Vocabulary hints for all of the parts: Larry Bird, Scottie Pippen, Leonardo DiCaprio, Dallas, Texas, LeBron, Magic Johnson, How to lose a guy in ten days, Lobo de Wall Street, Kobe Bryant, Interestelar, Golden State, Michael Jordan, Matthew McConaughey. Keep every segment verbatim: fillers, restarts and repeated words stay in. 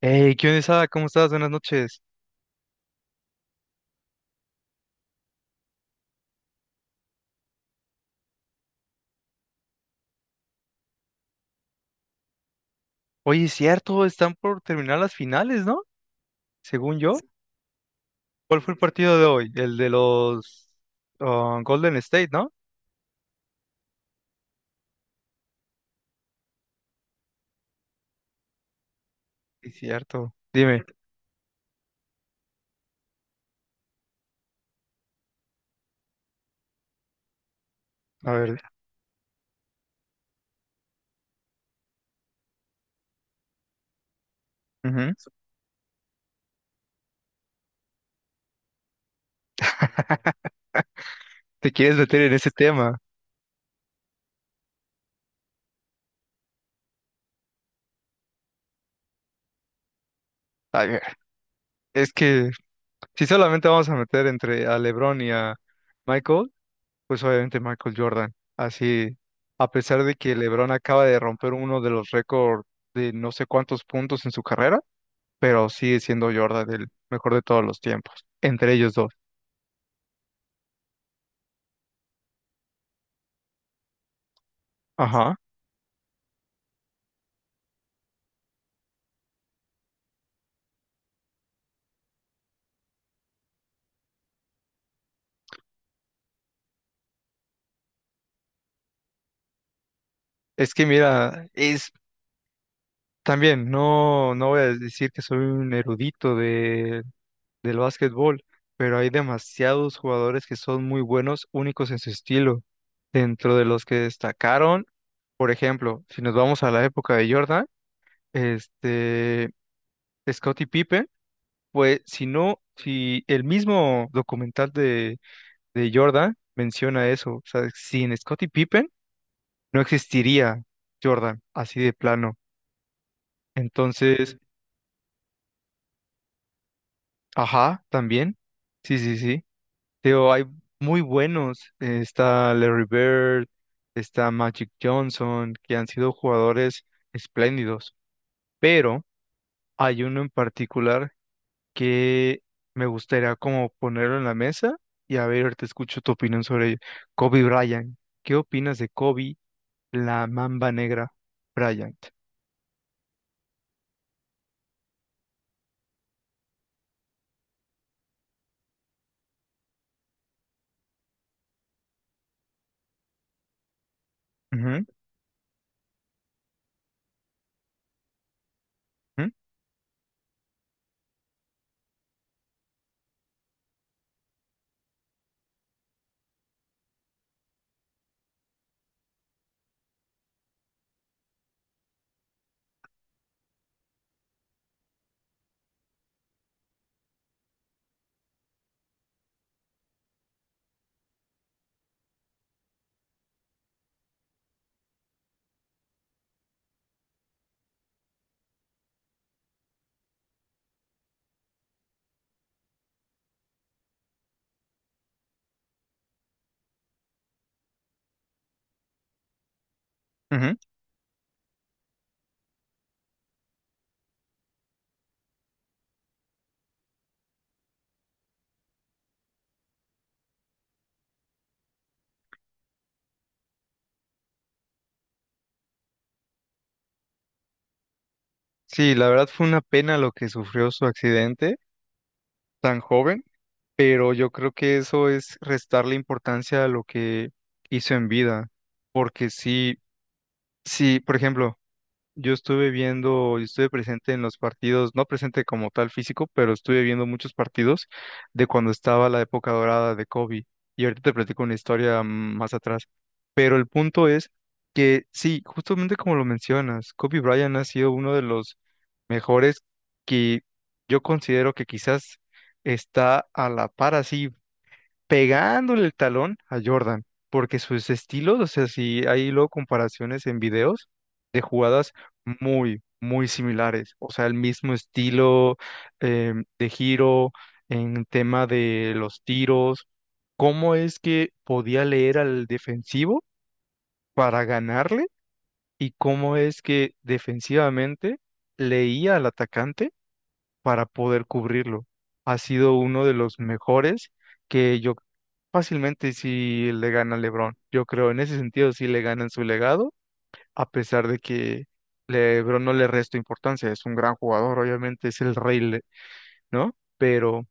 Hey, ¿qué onda, Isada? ¿Cómo estás? Buenas noches. Oye, es cierto, están por terminar las finales, ¿no? Según yo. ¿Cuál fue el partido de hoy? El de los ah, Golden State, ¿no? Es cierto. Dime, a ver, ujú. ¿Te quieres meter en ese tema? A ver, es que si solamente vamos a meter entre a LeBron y a Michael, pues obviamente Michael Jordan. Así, a pesar de que LeBron acaba de romper uno de los récords de no sé cuántos puntos en su carrera, pero sigue siendo Jordan el mejor de todos los tiempos, entre ellos dos. Ajá. Es que mira, es también, no, no voy a decir que soy un erudito de, del básquetbol, pero hay demasiados jugadores que son muy buenos, únicos en su estilo, dentro de los que destacaron. Por ejemplo, si nos vamos a la época de Jordan, este, Scottie Pippen, pues si no, si el mismo documental de, de Jordan menciona eso, o sea, sin Scottie Pippen, no existiría Jordan, así de plano. Entonces, ajá, también. Sí, sí, sí. Pero hay muy buenos. eh, Está Larry Bird, está Magic Johnson, que han sido jugadores espléndidos. Pero hay uno en particular que me gustaría como ponerlo en la mesa y a ver, te escucho tu opinión sobre ello. Kobe Bryant. ¿Qué opinas de Kobe, la mamba negra Bryant? Ujú, ujú, ujú. Sí, la verdad fue una pena lo que sufrió su accidente tan joven, pero yo creo que eso es restarle importancia a lo que hizo en vida, porque sí, sí, por ejemplo, yo estuve viendo, yo estuve presente en los partidos, no presente como tal físico, pero estuve viendo muchos partidos de cuando estaba la época dorada de Kobe. Y ahorita te platico una historia mm, más atrás. Pero el punto es que sí, justamente como lo mencionas, Kobe Bryant ha sido uno de los mejores que yo considero que quizás está a la par así pegándole el talón a Jordan, porque sus estilos, o sea, si hay luego comparaciones en videos de jugadas muy, muy similares, o sea, el mismo estilo em, de giro, en tema de los tiros, cómo es que podía leer al defensivo para ganarle y cómo es que defensivamente leía al atacante para poder cubrirlo. Ha sido uno de los mejores que yo fácilmente sí le gana a LeBron. Yo creo en ese sentido sí le ganan su legado, a pesar de que LeBron no le resta importancia. Es un gran jugador, obviamente es el rey, le- ¿no? Pero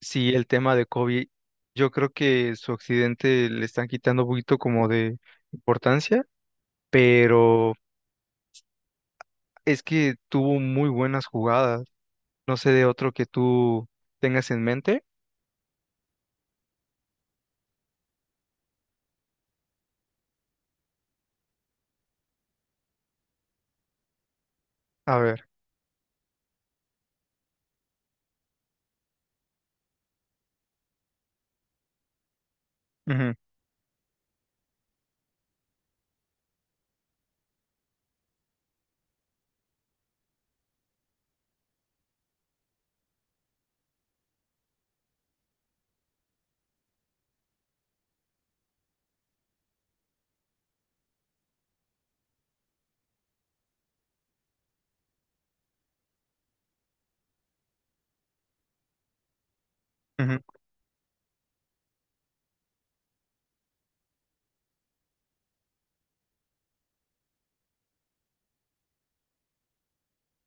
sí el tema de Kobe, yo creo que su accidente le están quitando un poquito como de importancia, pero es que tuvo muy buenas jugadas. No sé de otro que tú tengas en mente. A ver. Ujú, ujú,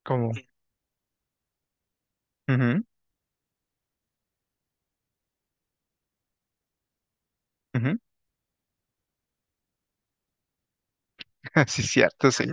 como, ujú, ujú. Sí, cierto, sí.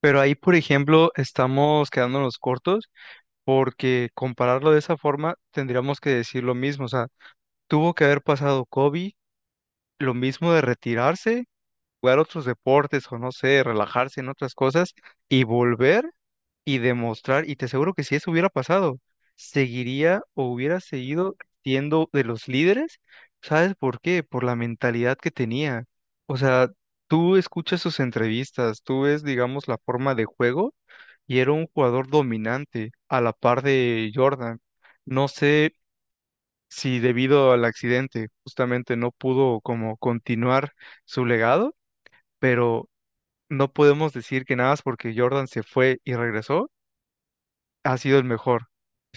Pero ahí, por ejemplo, estamos quedándonos cortos porque compararlo de esa forma tendríamos que decir lo mismo. O sea, tuvo que haber pasado Kobe, lo mismo de retirarse, jugar otros deportes o no sé, relajarse en otras cosas y volver y demostrar, y te aseguro que si eso hubiera pasado, seguiría o hubiera seguido siendo de los líderes, ¿sabes por qué? Por la mentalidad que tenía. O sea, tú escuchas sus entrevistas, tú ves, digamos, la forma de juego y era un jugador dominante a la par de Jordan. No sé si debido al accidente justamente no pudo como continuar su legado, pero no podemos decir que nada más porque Jordan se fue y regresó ha sido el mejor. ¿Me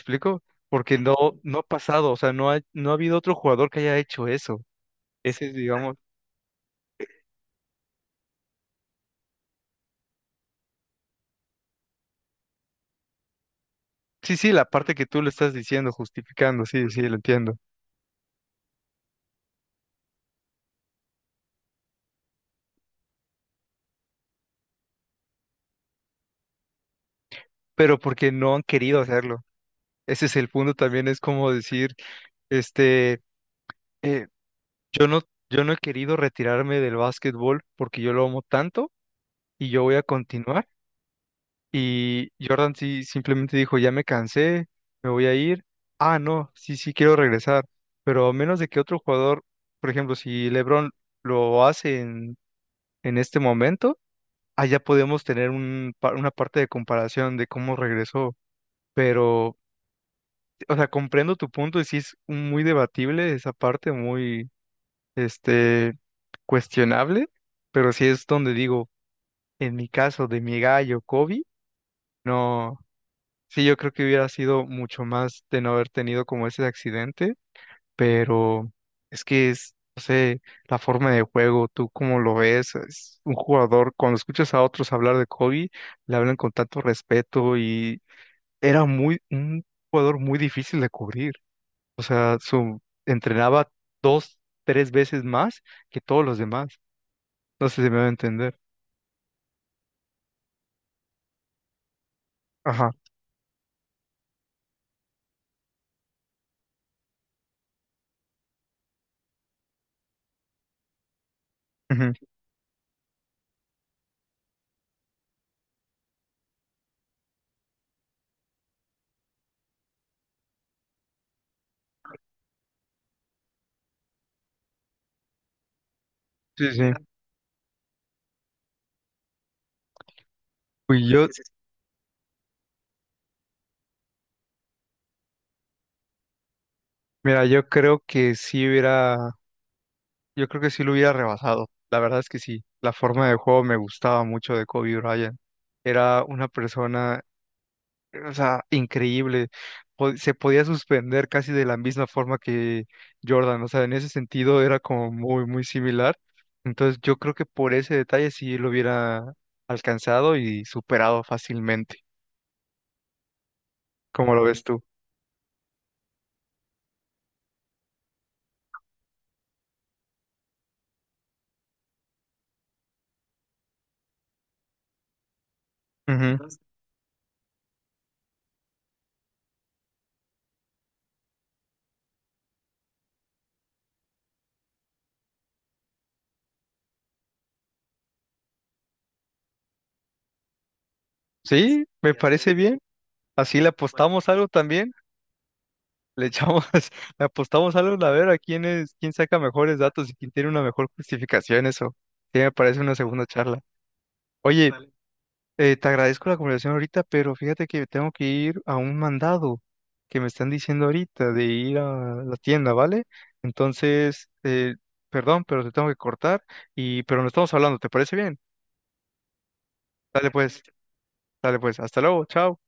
explico? Porque no, no ha pasado, o sea, no ha, no ha habido otro jugador que haya hecho eso. Ese es, digamos, sí, sí, la parte que tú le estás diciendo, justificando, sí, sí, lo entiendo. Pero porque no han querido hacerlo. Ese es el punto también, es como decir, este, eh, yo no, yo no he querido retirarme del básquetbol porque yo lo amo tanto y yo voy a continuar. Y Jordan sí simplemente dijo, ya me cansé, me voy a ir. Ah, no, sí, sí quiero regresar. Pero a menos de que otro jugador, por ejemplo, si LeBron lo hace en, en este momento, allá podemos tener un, pa- una parte de comparación de cómo regresó. Pero, o sea, comprendo tu punto y sí es muy debatible esa parte, muy, este, cuestionable. Pero sí es donde digo, en mi caso de mi gallo Kobe, no. Sí, yo creo que hubiera sido mucho más de no haber tenido como ese accidente, pero es que es, no sé, la forma de juego, tú cómo lo ves, es un jugador, cuando escuchas a otros hablar de Kobe, le hablan con tanto respeto y era muy, un jugador muy difícil de cubrir. O sea, su, entrenaba dos, tres veces más que todos los demás. No sé si me va a entender. Ajá. Ujú. Sí, sí. Pues yo, mira, yo creo que sí hubiera. Yo creo que sí lo hubiera rebasado. La verdad es que sí. La forma de juego me gustaba mucho de Kobe Bryant. Era una persona, o sea, increíble. Po- Se podía suspender casi de la misma forma que Jordan. O sea, en ese sentido era como muy, muy similar. Entonces yo creo que por ese detalle sí lo hubiera alcanzado y superado fácilmente. ¿Cómo lo ves tú? Ujú. Sí, me parece bien. Así le apostamos algo también. Le echamos, le apostamos algo a ver a quién es, quién saca mejores datos y quién tiene una mejor justificación, eso. Sí, me parece una segunda charla. Oye, eh, te agradezco la conversación ahorita, pero fíjate que tengo que ir a un mandado que me están diciendo ahorita de ir a la tienda, ¿vale? Entonces, eh, perdón, pero te tengo que cortar y, pero no estamos hablando, ¿te parece bien? Dale pues, dale pues, hasta luego, chao.